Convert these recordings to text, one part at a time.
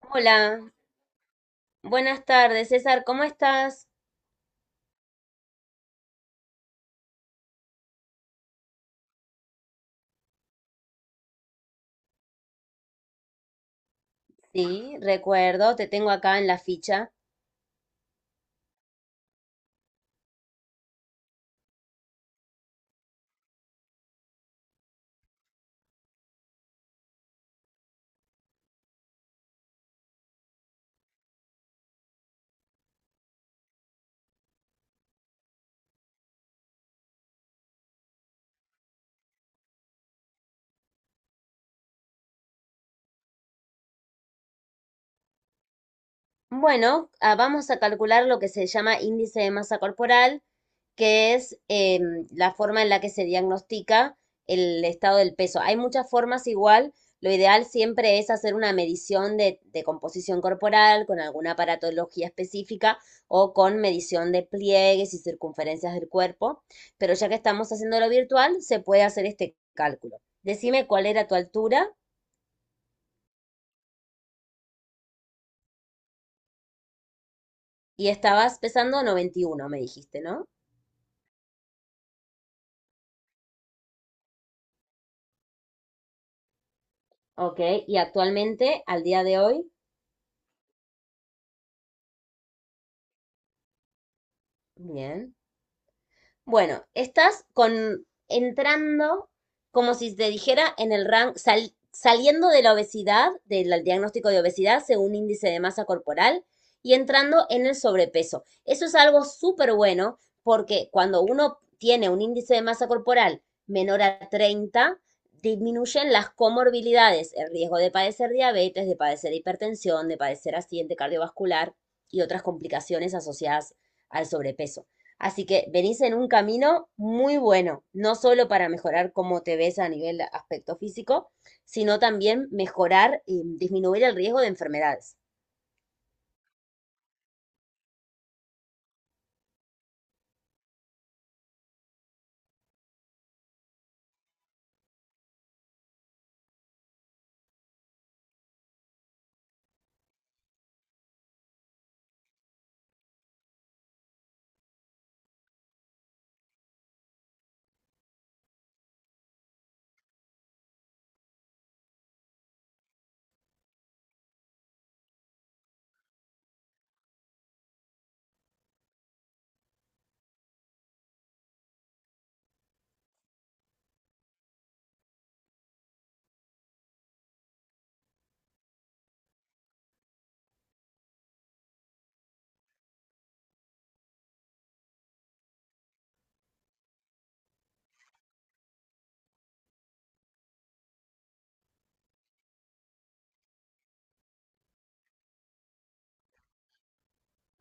Hola, buenas tardes, César, ¿cómo estás? Sí, recuerdo, te tengo acá en la ficha. Bueno, vamos a calcular lo que se llama índice de masa corporal, que es la forma en la que se diagnostica el estado del peso. Hay muchas formas igual. Lo ideal siempre es hacer una medición de composición corporal con alguna aparatología específica o con medición de pliegues y circunferencias del cuerpo. Pero ya que estamos haciendo lo virtual, se puede hacer este cálculo. Decime cuál era tu altura y estabas pesando 91, me dijiste, ¿no? Ok, y actualmente, al día de hoy, bien. Bueno, estás con entrando como si te dijera en el rango, saliendo de la obesidad, del diagnóstico de obesidad según índice de masa corporal y entrando en el sobrepeso. Eso es algo súper bueno porque cuando uno tiene un índice de masa corporal menor a 30, disminuyen las comorbilidades, el riesgo de padecer diabetes, de padecer hipertensión, de padecer accidente cardiovascular y otras complicaciones asociadas al sobrepeso. Así que venís en un camino muy bueno, no solo para mejorar cómo te ves a nivel aspecto físico, sino también mejorar y disminuir el riesgo de enfermedades.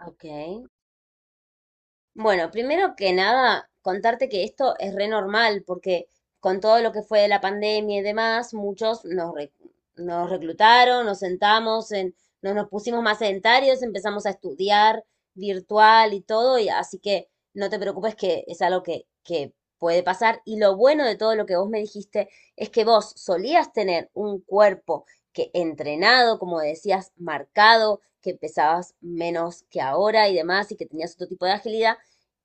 Ok, bueno, primero que nada, contarte que esto es re normal, porque con todo lo que fue de la pandemia y demás, nos reclutaron, nos sentamos, nos pusimos más sedentarios, empezamos a estudiar virtual y todo, y así que no te preocupes que es algo que puede pasar. Y lo bueno de todo lo que vos me dijiste es que vos solías tener un cuerpo que entrenado, como decías, marcado, que pesabas menos que ahora y demás, y que tenías otro tipo de agilidad.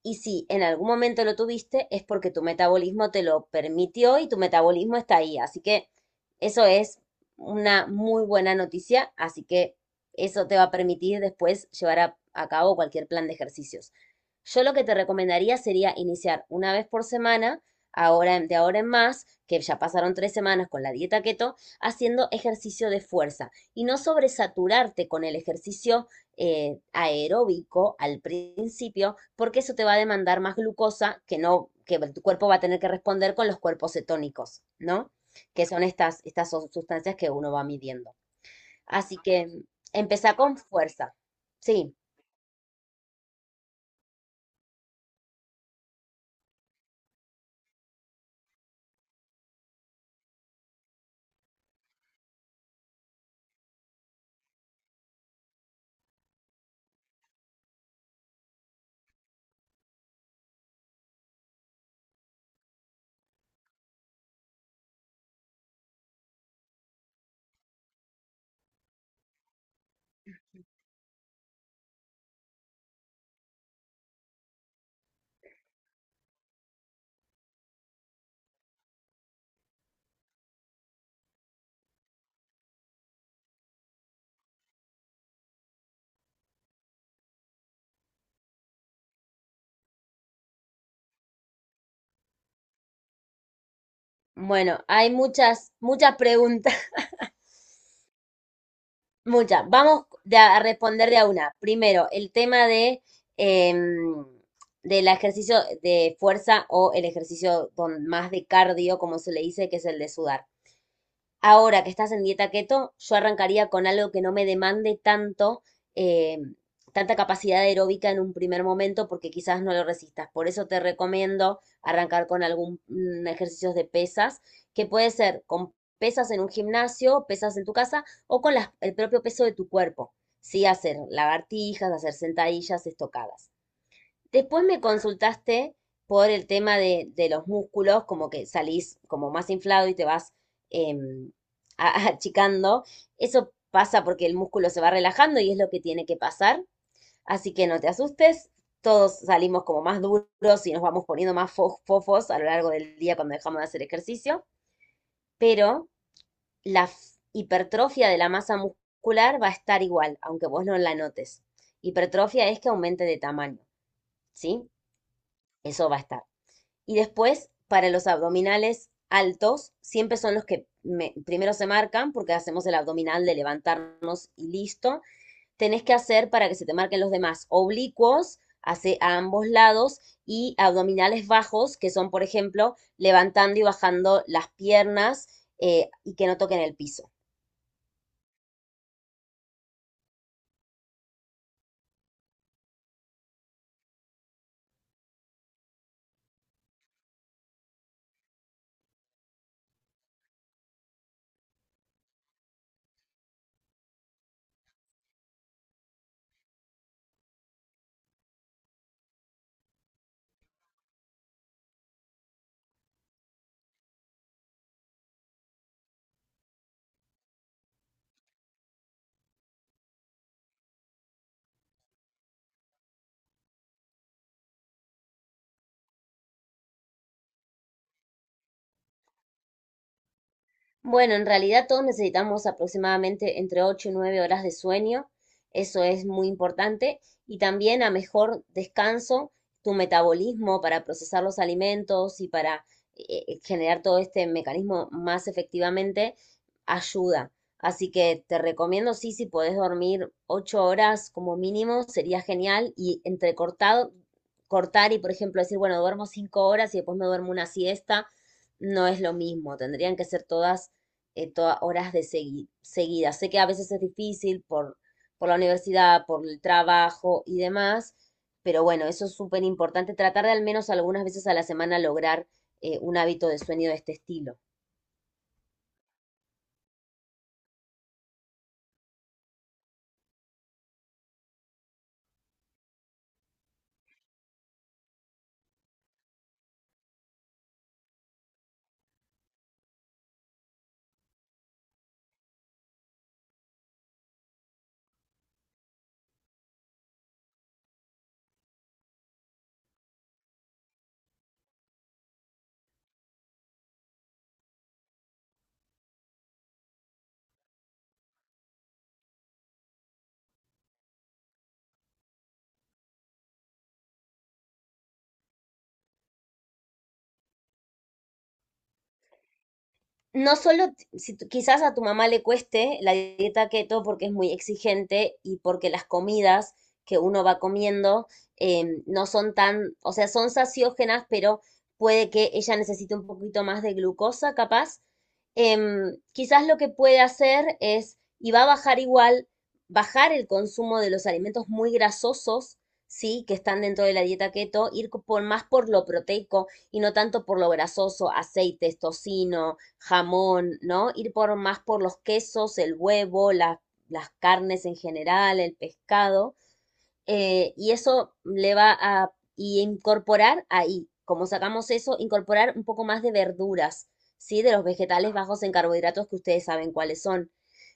Y si en algún momento lo tuviste, es porque tu metabolismo te lo permitió y tu metabolismo está ahí. Así que eso es una muy buena noticia. Así que eso te va a permitir después a cabo cualquier plan de ejercicios. Yo lo que te recomendaría sería iniciar una vez por semana, ahora de ahora en más, que ya pasaron tres semanas con la dieta keto, haciendo ejercicio de fuerza y no sobresaturarte con el ejercicio aeróbico al principio, porque eso te va a demandar más glucosa que no, que tu cuerpo va a tener que responder con los cuerpos cetónicos, ¿no? Que son estas son sustancias que uno va midiendo. Así que empezá con fuerza. Sí, bueno, hay muchas preguntas, muchas. Vamos de a responder de a una. Primero, el tema de em, del ejercicio de fuerza o el ejercicio con más de cardio, como se le dice, que es el de sudar. Ahora que estás en dieta keto, yo arrancaría con algo que no me demande tanto, eh, tanta capacidad aeróbica en un primer momento, porque quizás no lo resistas. Por eso te recomiendo arrancar con algún ejercicios de pesas, que puede ser con pesas en un gimnasio, pesas en tu casa o con el propio peso de tu cuerpo. Sí, hacer lagartijas, hacer sentadillas, estocadas. Después me consultaste por el tema de los músculos, como que salís como más inflado y te vas em, achicando. Eso pasa porque el músculo se va relajando y es lo que tiene que pasar. Así que no te asustes, todos salimos como más duros y nos vamos poniendo más fofos a lo largo del día cuando dejamos de hacer ejercicio, pero hipertrofia de la masa muscular va a estar igual, aunque vos no la notes. Hipertrofia es que aumente de tamaño, ¿sí? Eso va a estar. Y después, para los abdominales altos, siempre son los que primero se marcan, porque hacemos el abdominal de levantarnos y listo. Tenés que hacer para que se te marquen los demás oblicuos hace, a ambos lados y abdominales bajos, que son, por ejemplo, levantando y bajando las piernas y que no toquen el piso. Bueno, en realidad todos necesitamos aproximadamente entre 8 y 9 horas de sueño, eso es muy importante, y también a mejor descanso, tu metabolismo para procesar los alimentos y para generar todo este mecanismo más efectivamente, ayuda. Así que te recomiendo, sí, si podés dormir 8 horas como mínimo, sería genial, y entrecortado, cortar y, por ejemplo, decir, bueno, duermo 5 horas y después me duermo una siesta, no es lo mismo, tendrían que ser todas horas de seguidas. Sé que a veces es difícil por la universidad, por el trabajo y demás, pero bueno, eso es súper importante, tratar de al menos algunas veces a la semana lograr un hábito de sueño de este estilo. No solo, t- si tu- Quizás a tu mamá le cueste la dieta keto porque es muy exigente y porque las comidas que uno va comiendo no son tan, o sea, son saciógenas, pero puede que ella necesite un poquito más de glucosa, capaz. Em, quizás lo que puede hacer es, y va a bajar igual, bajar el consumo de los alimentos muy grasosos, sí, que están dentro de la dieta keto, por más por lo proteico y no tanto por lo grasoso, aceites, tocino, jamón, ¿no? Ir por más por los quesos, el huevo, las carnes en general, el pescado y eso le va a y incorporar ahí, como sacamos eso, incorporar un poco más de verduras, ¿sí? De los vegetales bajos en carbohidratos que ustedes saben cuáles son.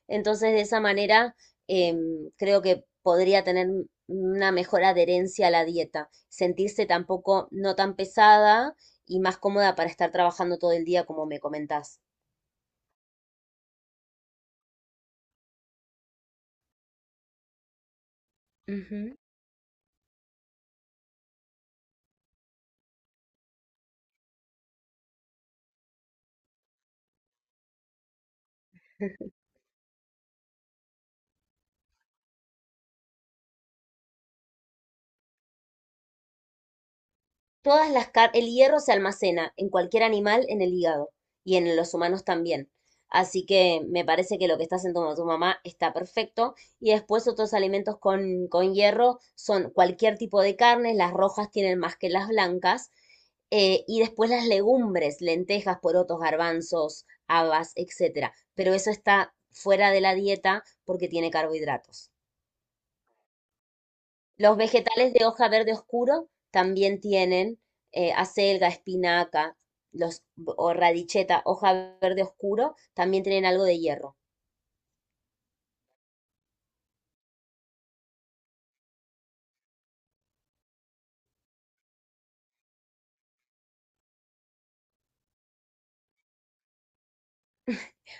Entonces, de esa manera, creo que podría tener una mejor adherencia a la dieta, sentirse tampoco no tan pesada y más cómoda para estar trabajando todo el día, como me comentás. Ujú. Todas el hierro se almacena en cualquier animal en el hígado y en los humanos también. Así que me parece que lo que está haciendo tu mamá está perfecto. Y después otros alimentos con hierro son cualquier tipo de carnes, las rojas tienen más que las blancas. Y después las legumbres, lentejas, porotos, garbanzos, habas, etcétera. Pero eso está fuera de la dieta porque tiene carbohidratos. Los vegetales de hoja verde oscuro también tienen acelga, espinaca, los, o radicheta, hoja verde oscuro, también tienen algo de hierro.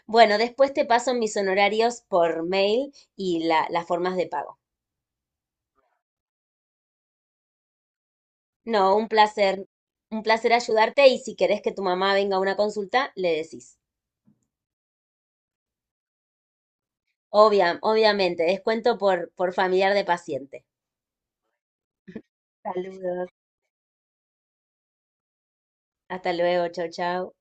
Bueno, después te paso mis honorarios por mail y las formas de pago. No, un placer ayudarte y si querés que tu mamá venga a una consulta, le decís. Obviamente, descuento por familiar de paciente. Saludos. Hasta luego, chau, chau.